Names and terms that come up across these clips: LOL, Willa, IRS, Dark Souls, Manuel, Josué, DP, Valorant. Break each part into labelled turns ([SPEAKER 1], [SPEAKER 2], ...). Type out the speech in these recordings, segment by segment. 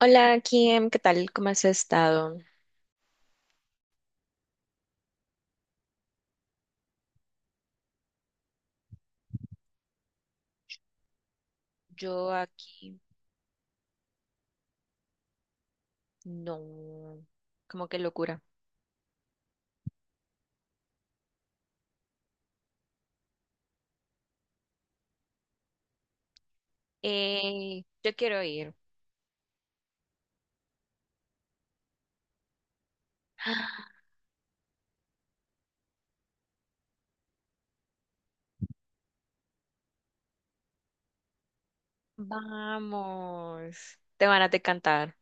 [SPEAKER 1] Hola, Kim, ¿qué tal? ¿Cómo has estado? Yo aquí, no, como que locura. Yo quiero ir. Vamos. Te van a cantar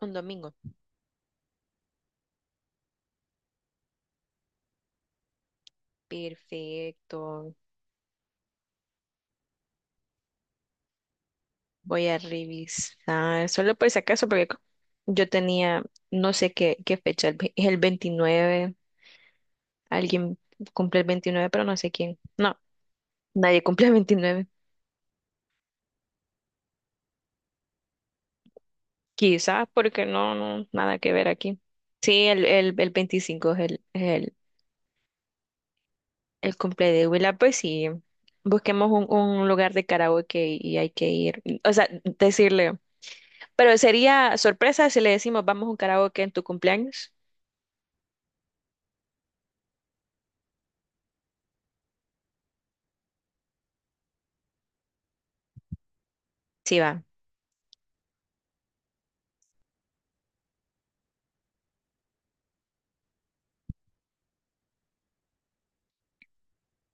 [SPEAKER 1] un domingo. Perfecto. Voy a revisar, solo por si acaso, porque yo tenía, no sé qué, qué fecha, es el 29. Alguien cumple el 29, pero no sé quién. No, nadie cumple el 29. Quizás porque no, no, nada que ver aquí. Sí, el 25 es el cumple de Willa, pues sí, busquemos un lugar de karaoke y hay que ir, o sea, decirle, pero sería sorpresa si le decimos vamos a un karaoke en tu cumpleaños. Sí, va,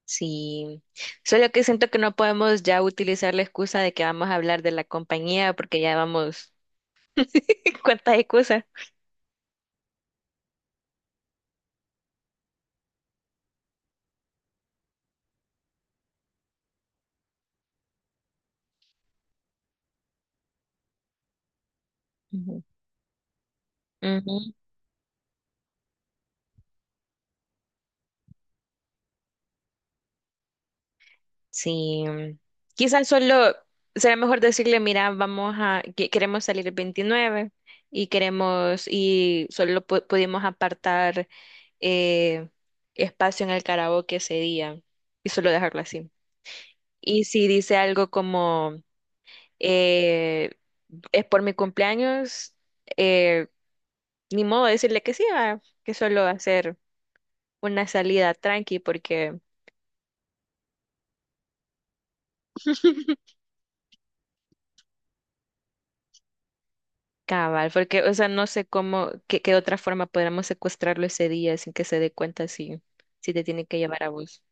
[SPEAKER 1] sí. Solo que siento que no podemos ya utilizar la excusa de que vamos a hablar de la compañía porque ya vamos, ¿cuántas excusas? Ujú. Ujú. Sí, quizás solo será mejor decirle, mira, queremos salir el 29 y queremos, y solo pudimos apartar eh, espacio en el karaoke ese día y solo dejarlo así. Y si dice algo como, eh, es por mi cumpleaños, eh, ni modo de decirle que sí, va, que solo hacer una salida tranqui porque cabal, porque, o sea, no sé cómo, qué, qué otra forma podríamos secuestrarlo ese día sin que se dé cuenta si, si te tiene que llevar a vos.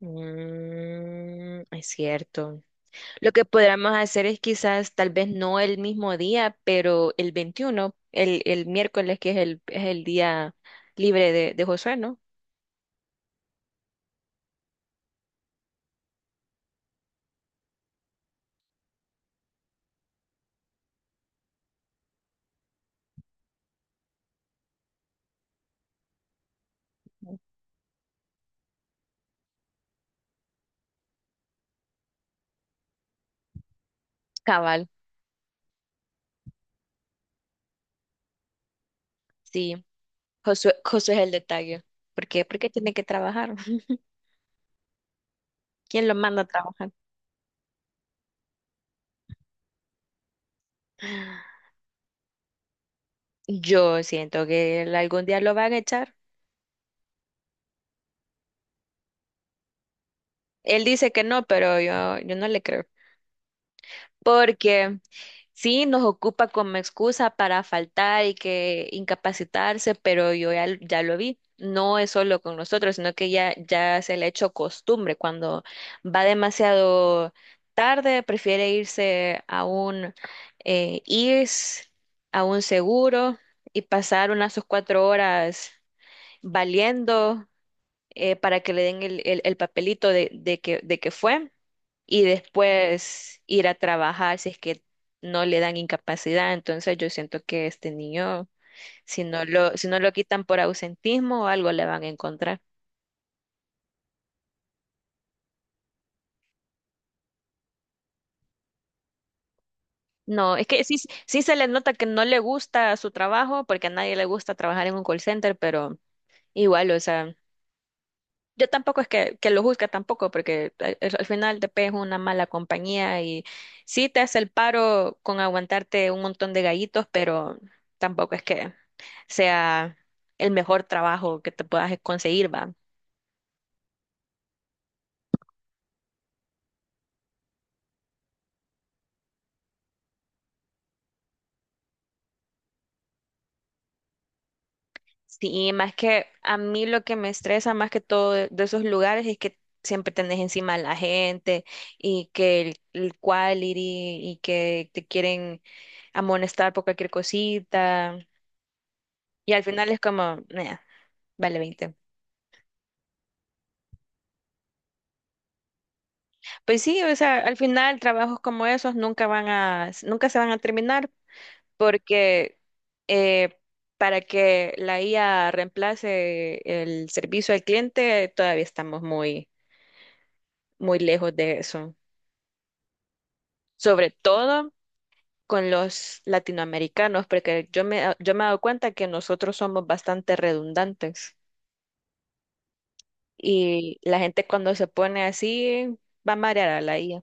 [SPEAKER 1] Mm, es cierto. Lo que podríamos hacer es quizás, tal vez no el mismo día, pero el 21, el miércoles, que es el día libre de Josué, ¿no? Cabal, sí. Josué es el detalle. ¿Por qué? Porque tiene que trabajar. ¿Quién lo manda a trabajar? Yo siento que él algún día lo van a echar. Él dice que no, pero yo no le creo. Porque sí, nos ocupa como excusa para faltar y que incapacitarse, pero yo ya, ya lo vi. No es solo con nosotros, sino que ya, ya se le ha hecho costumbre. Cuando va demasiado tarde, prefiere irse a un IRS, a un seguro y pasar unas sus cuatro horas valiendo para que le den el papelito de que fue y después ir a trabajar si es que no le dan incapacidad. Entonces yo siento que este niño, si no lo quitan por ausentismo o algo le van a encontrar. No, es que sí, sí se le nota que no le gusta su trabajo, porque a nadie le gusta trabajar en un call center, pero igual, o sea. Yo tampoco es que lo juzgue tampoco, porque al final DP es una mala compañía y sí te hace el paro con aguantarte un montón de gallitos, pero tampoco es que sea el mejor trabajo que te puedas conseguir, va. Sí, más que a mí lo que me estresa más que todo de esos lugares es que siempre tenés encima a la gente y que el quality y que te quieren amonestar por cualquier cosita y al final es como, "Nah, vale veinte". Pues sí, o sea, al final trabajos como esos nunca van a, nunca se van a terminar porque eh, para que la IA reemplace el servicio al cliente, todavía estamos muy, muy lejos de eso. Sobre todo con los latinoamericanos, porque yo me, ah, yo me he dado cuenta que nosotros somos bastante redundantes y la gente cuando se pone así va a marear a la IA.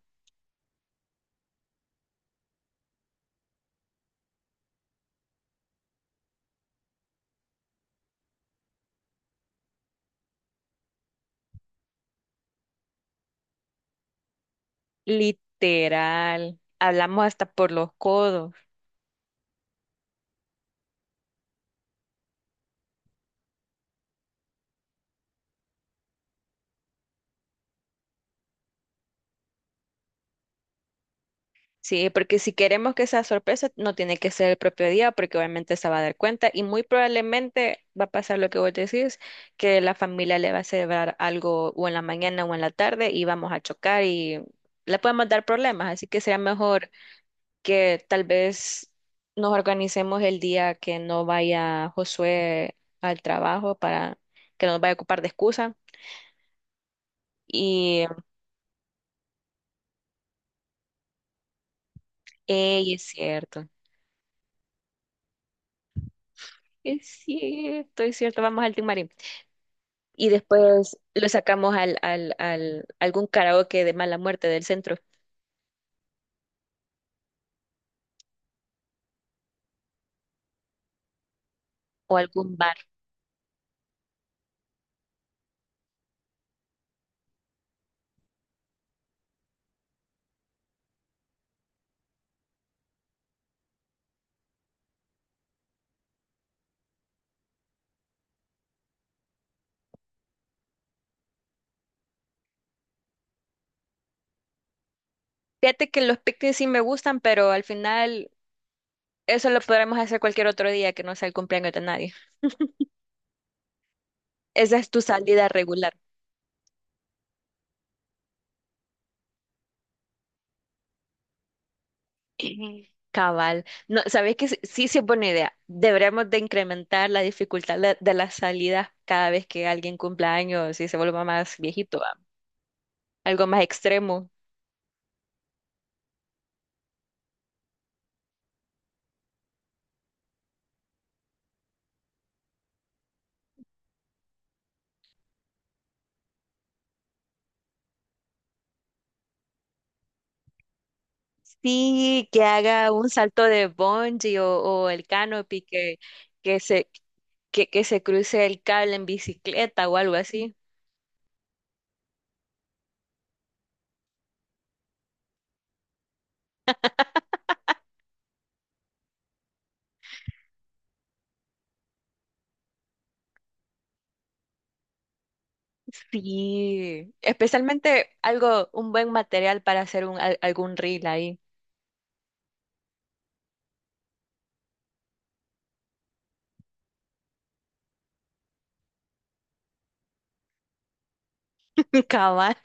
[SPEAKER 1] Literal, hablamos hasta por los codos. Sí, porque si queremos que sea sorpresa, no tiene que ser el propio día, porque obviamente se va a dar cuenta y muy probablemente va a pasar lo que vos decís, que la familia le va a celebrar algo o en la mañana o en la tarde y vamos a chocar y le podemos dar problemas, así que será mejor que tal vez nos organicemos el día que no vaya Josué al trabajo para que no nos vaya a ocupar de excusa y, ey, es cierto, es cierto, vamos al Team y después lo sacamos al algún karaoke de mala muerte del centro o algún bar. Fíjate que los picnics sí me gustan, pero al final eso lo podremos hacer cualquier otro día que no sea el cumpleaños de nadie. Esa es tu salida regular. Ujú. Cabal. No, ¿sabes qué? Sí, sí, es buena idea. Deberíamos de incrementar la dificultad de las salidas cada vez que alguien cumpla años y se vuelva más viejito, ¿va? Algo más extremo. Sí, que haga un salto de bungee o el canopy que se, que se cruce el cable en bicicleta o algo así. Sí, especialmente algo, un buen material para hacer algún reel ahí. Cabal.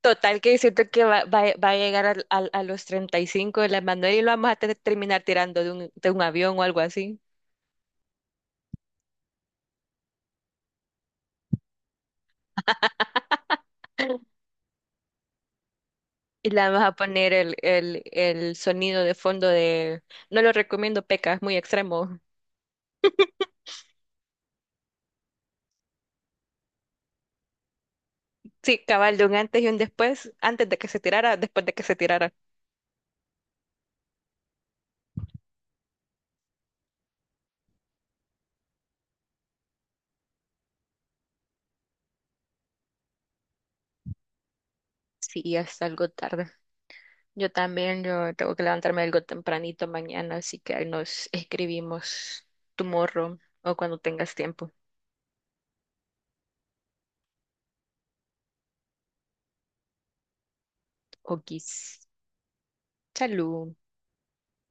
[SPEAKER 1] Total que siento que va a llegar los 35 de la Manuel y lo vamos a terminar tirando de un avión o algo así. Y le vamos a poner el sonido de fondo de... No lo recomiendo, Peca, es muy extremo. Sí, cabal, de un antes y un después, antes de que se tirara, después de que se tirara. Sí, es algo tarde. Yo también, yo tengo que levantarme algo tempranito mañana, así que ahí nos escribimos tomorrow o cuando tengas tiempo. Okis. Salud.